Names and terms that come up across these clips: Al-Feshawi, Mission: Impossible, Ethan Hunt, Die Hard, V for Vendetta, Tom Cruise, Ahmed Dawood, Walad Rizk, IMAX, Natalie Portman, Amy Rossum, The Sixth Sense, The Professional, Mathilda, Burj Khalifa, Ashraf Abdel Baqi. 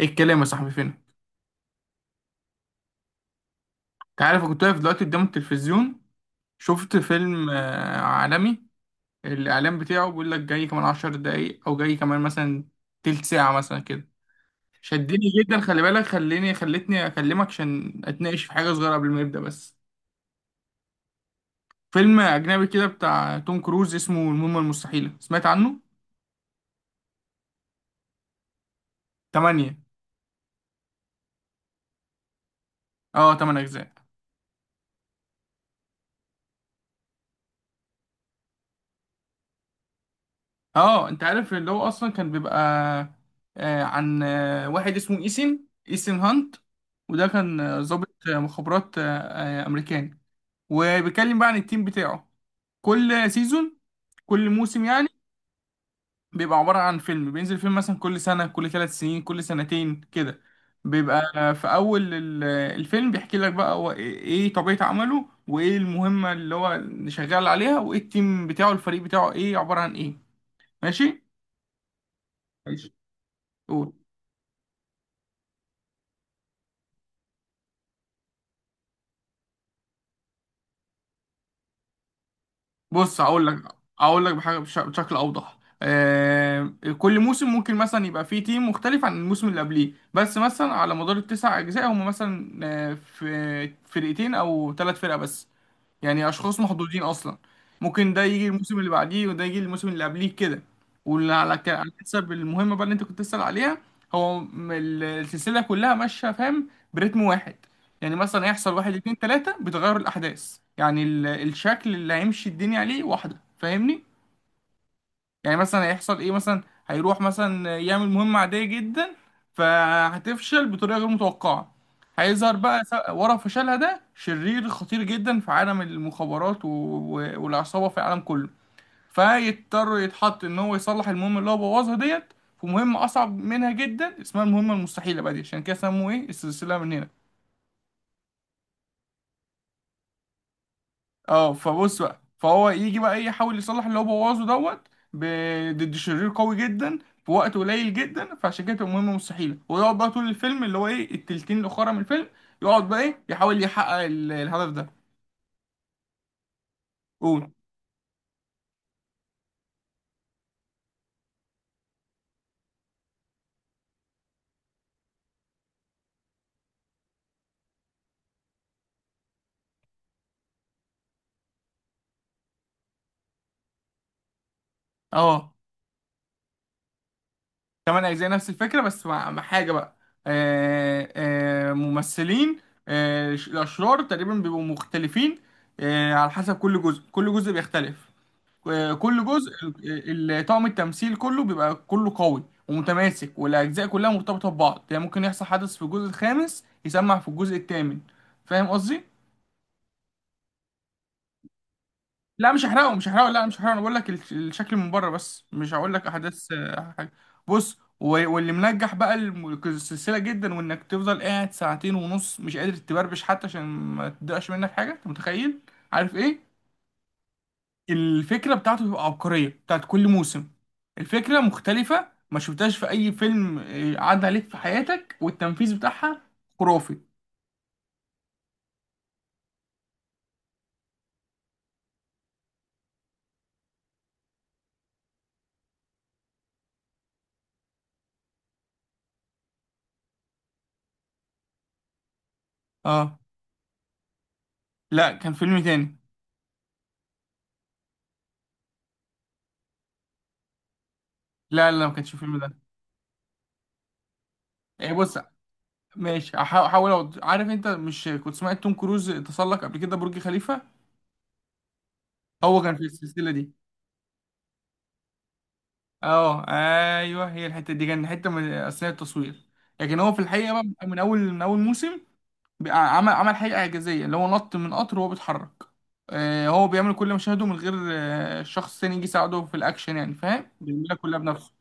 ايه الكلام يا صاحبي؟ فين انت؟ عارف أنا كنت واقف دلوقتي قدام التلفزيون. شفت فيلم عالمي. الاعلان بتاعه بيقول لك جاي كمان 10 دقايق او جاي كمان مثلا تلت ساعة مثلا كده. شدني جدا. خلي بالك، خلتني اكلمك عشان اتناقش في حاجة صغيرة قبل ما يبدأ بس. فيلم اجنبي كده بتاع توم كروز، اسمه المهمة المستحيلة. سمعت عنه؟ تمانية. اه، تمن اجزاء. اه انت عارف اللي هو اصلا كان بيبقى عن واحد اسمه ايسن ايسن هانت. وده كان ضابط مخابرات امريكاني. وبيتكلم بقى عن التيم بتاعه كل سيزون، كل موسم يعني. بيبقى عبارة عن فيلم، بينزل فيلم مثلا كل سنة، كل 3 سنين، كل سنتين كده. بيبقى في أول الفيلم بيحكي لك بقى هو إيه، إيه طبيعة عمله، وإيه المهمة اللي شغال عليها، وإيه التيم بتاعه، الفريق بتاعه إيه، عبارة عن إيه. ماشي؟ ماشي. قول. بص هقول لك، بحاجه بشكل اوضح. كل موسم ممكن مثلا يبقى فيه تيم مختلف عن الموسم اللي قبليه، بس مثلا على مدار ال9 اجزاء هم مثلا في فرقتين او 3 فرق بس. يعني اشخاص محظوظين اصلا. ممكن ده يجي الموسم اللي بعديه وده يجي الموسم اللي قبليه كده. واللي على على حسب المهمه بقى اللي انت كنت تسأل عليها. هو السلسله كلها ماشيه، فاهم؟ برتم واحد. يعني مثلا هيحصل واحد اتنين تلاته بتغير الاحداث، يعني الشكل اللي هيمشي الدنيا عليه واحده، فاهمني؟ يعني مثلا هيحصل ايه، مثلا هيروح مثلا يعمل مهمة عادية جدا، فهتفشل بطريقة غير متوقعة. هيظهر بقى ورا فشلها ده شرير خطير جدا في عالم المخابرات والعصابة في العالم كله. فيضطر يتحط ان هو يصلح المهمة اللي هو بوظها ديت في مهمة اصعب منها جدا اسمها المهمة المستحيلة بقى دي، عشان كده سموه ايه، السلسلة من هنا. اه فبص بقى، فهو يجي بقى إيه، يحاول يصلح اللي هو بوظه دوت ضد شرير قوي جدا في وقت قليل جدا، فعشان كده تبقى مهمة مستحيلة. ويقعد بقى طول الفيلم اللي هو ايه، التلتين الأخرى من الفيلم، يقعد بقى ايه يحاول يحقق الهدف ده. قول. اه، كمان أجزاء نفس الفكرة بس مع حاجة بقى. آه ممثلين. الأشرار تقريبا بيبقوا مختلفين على حسب كل جزء، كل جزء بيختلف. كل جزء طاقم التمثيل كله بيبقى كله قوي ومتماسك، والاجزاء كلها مرتبطه ببعض. يعني ممكن يحصل حدث في الجزء الخامس يسمع في الجزء الثامن، فاهم قصدي؟ لا مش هحرقه لا مش هحرقه، انا بقول لك الشكل من بره بس، مش هقول لك احداث حاجه. بص، واللي منجح بقى السلسله جدا وانك تفضل قاعد ساعتين ونص مش قادر تبربش حتى عشان ما تضيعش منك حاجه، انت متخيل؟ عارف ايه؟ الفكرة بتاعته بتبقى عبقرية بتاعت كل موسم. الفكرة مختلفة، ما شفتهاش في أي فيلم عدى عليك في حياتك، والتنفيذ بتاعها خرافي. اه، لا كان فيلم تاني. لا لا، ما كانش الفيلم ده. يعني بص، ماشي هحا- أحاول أوضح. عارف انت مش كنت سمعت توم كروز تسلق قبل كده برج خليفة؟ هو كان في السلسلة دي. اه. ايوه، هي الحتة دي كان حتة من أثناء التصوير، لكن هو في الحقيقة بقى من أول موسم بقى عمل حاجة إعجازية اللي هو نط من قطر وهو بيتحرك. هو بيعمل كل مشاهده من غير شخص تاني يجي يساعده في الأكشن يعني، فاهم؟ بيعملها كلها بنفسه.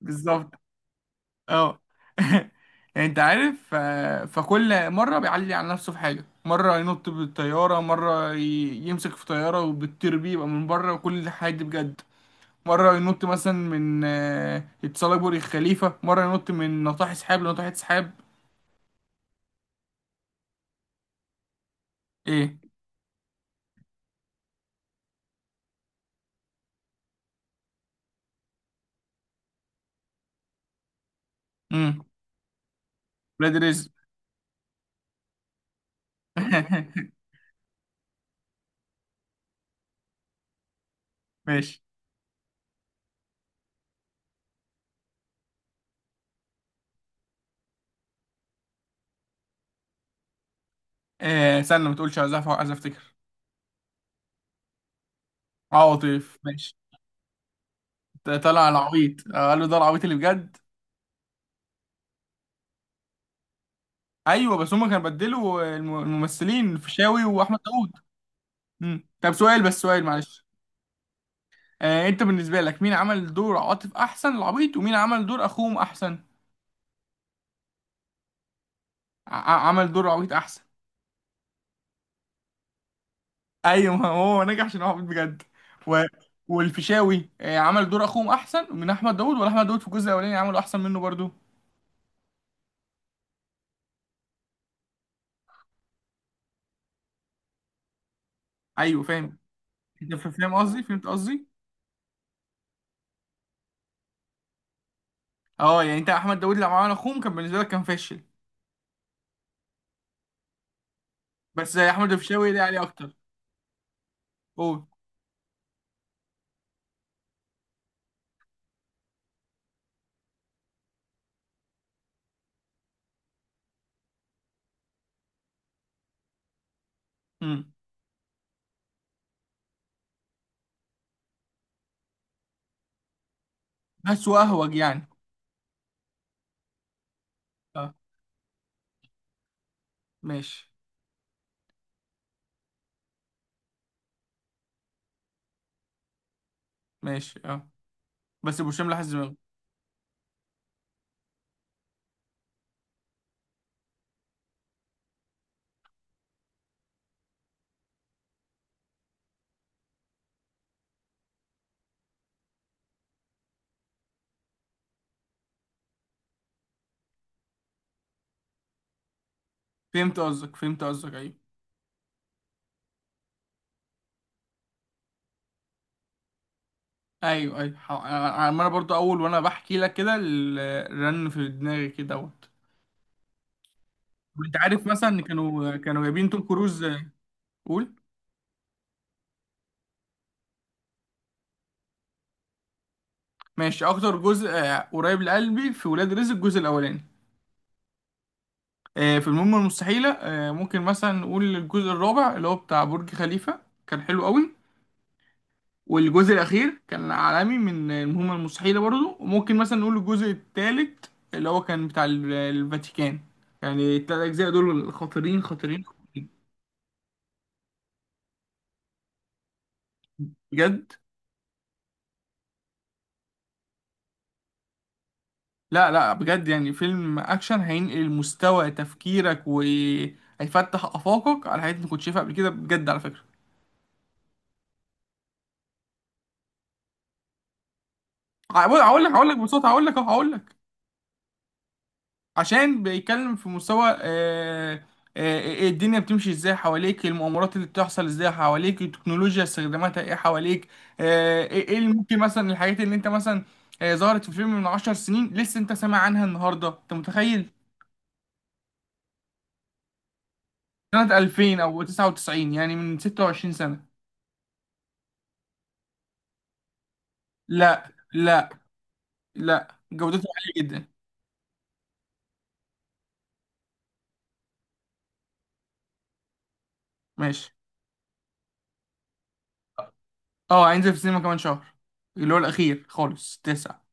بالظبط. اه. يعني انت عارف، فكل مرة بيعلي على نفسه في حاجة. مرة ينط بالطيارة، مرة يمسك في طيارة وبتطير بيه يبقى من بره، وكل الحاجات دي بجد. مرة ينط مثلا من يتسلق برج الخليفة، مرة ينط من ناطحة سحاب لناطحة سحاب. ايه. امم. ولاد رزق. ماشي. استنى، ما تقولش، عايز أف- عايز افتكر. اه لطيف، ماشي. طلع العبيط، قال له ده العبيط اللي بجد. ايوه، بس هما كانوا بدلوا الممثلين، الفيشاوي واحمد داوود. مم. طب سؤال بس، سؤال معلش. انت بالنسبه لك مين عمل دور عاطف احسن، العبيط، ومين عمل دور اخوهم احسن؟ عمل دور عبيط احسن. ايوه، ما هو نجح عشان هو عبيط بجد. و... والفيشاوي عمل دور اخوهم احسن من احمد داوود، ولا احمد داوود في الجزء الاولاني عمله احسن منه برضو؟ ايوه فاهم، انت فاهم قصدي فهمت قصدي. اه، يعني انت احمد داوود لما عمل اخوهم كان بالنسبه لك كان فاشل؟ بس احمد الفيشاوي ده عليه اكتر. قول. امم. بس واهوج يعني. اه. ماشي. اه. بس ابو هشام لحس دماغه. فهمت قصدك، ايوه، ايوه. ح- انا أنا برضو اول وانا بحكي لك كده الرن في دماغي كده دوت. طب انت عارف مثلا إن كانوا جايبين توم كروز قول. ماشي، اكتر جزء قريب لقلبي في ولاد رزق الجزء الاولاني. في المهمة المستحيلة ممكن مثلا نقول الجزء الرابع اللي هو بتاع برج خليفة، كان حلو قوي. والجزء الأخير كان عالمي من المهمة المستحيلة برضو. وممكن مثلا نقول الجزء الثالث اللي هو كان بتاع الفاتيكان. يعني التلات أجزاء دول خطيرين، خطيرين. بجد. لا لا، بجد يعني فيلم أكشن هينقل مستوى تفكيرك وهيفتح آفاقك على حاجات ما كنتش شايفها قبل كده بجد، على فكرة. هقول لك ببساطة، هقول لك. عشان بيتكلم في مستوى إيه الدنيا بتمشي ازاي حواليك، المؤامرات اللي بتحصل ازاي حواليك، التكنولوجيا استخداماتها ايه حواليك. ايه، اللي ممكن مثلا الحاجات اللي انت مثلا ظهرت في فيلم من 10 سنين لسه انت سامع عنها النهارده، انت متخيل؟ سنة 2000 او 99، يعني من 26 سنة. لا لا، لا جودته عالية جدا. ماشي. اه، هينزل في السينما كمان شهر، اللي هو الاخير خالص، 9.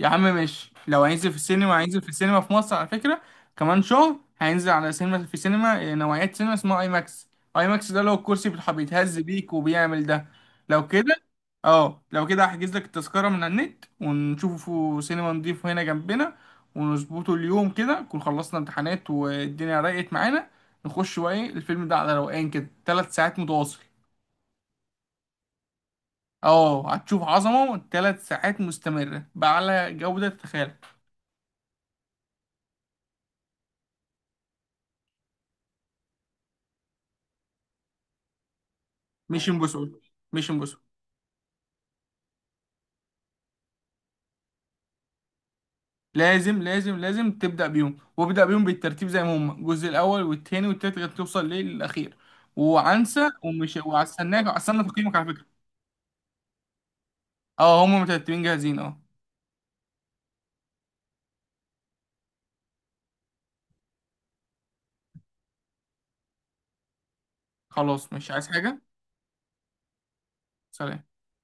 يا عم ماشي، لو هينزل في السينما هينزل في السينما في مصر على فكرة، كمان شهر، هينزل على سينما، في سينما نوعية سينما اسمها اي ماكس. اي ماكس ده لو الكرسي بيتهز بيك وبيعمل ده. لو كده، اه، لو كده هحجز لك التذكرة من على النت ونشوفه سينما نضيفه هنا جنبنا ونظبطه اليوم كده، نكون خلصنا امتحانات والدنيا رقت معانا، نخش بقى ايه الفيلم ده على روقان كده، 3 ساعات متواصل. اه هتشوف عظمة، 3 ساعات مستمرة بأعلى جودة، تتخيل؟ مش امبوسول، مش امبوسول. لازم لازم تبدأ بيهم، وابدأ بيهم بالترتيب زي ما هم، الجزء الأول والتاني والتالت لغاية توصل ليه للأخير. وعنسى ومش وهستناك، هستنى تقييمك على فكرة. اه هم مترتبين جاهزين. اه. خلاص مش عايز حاجة. سلام.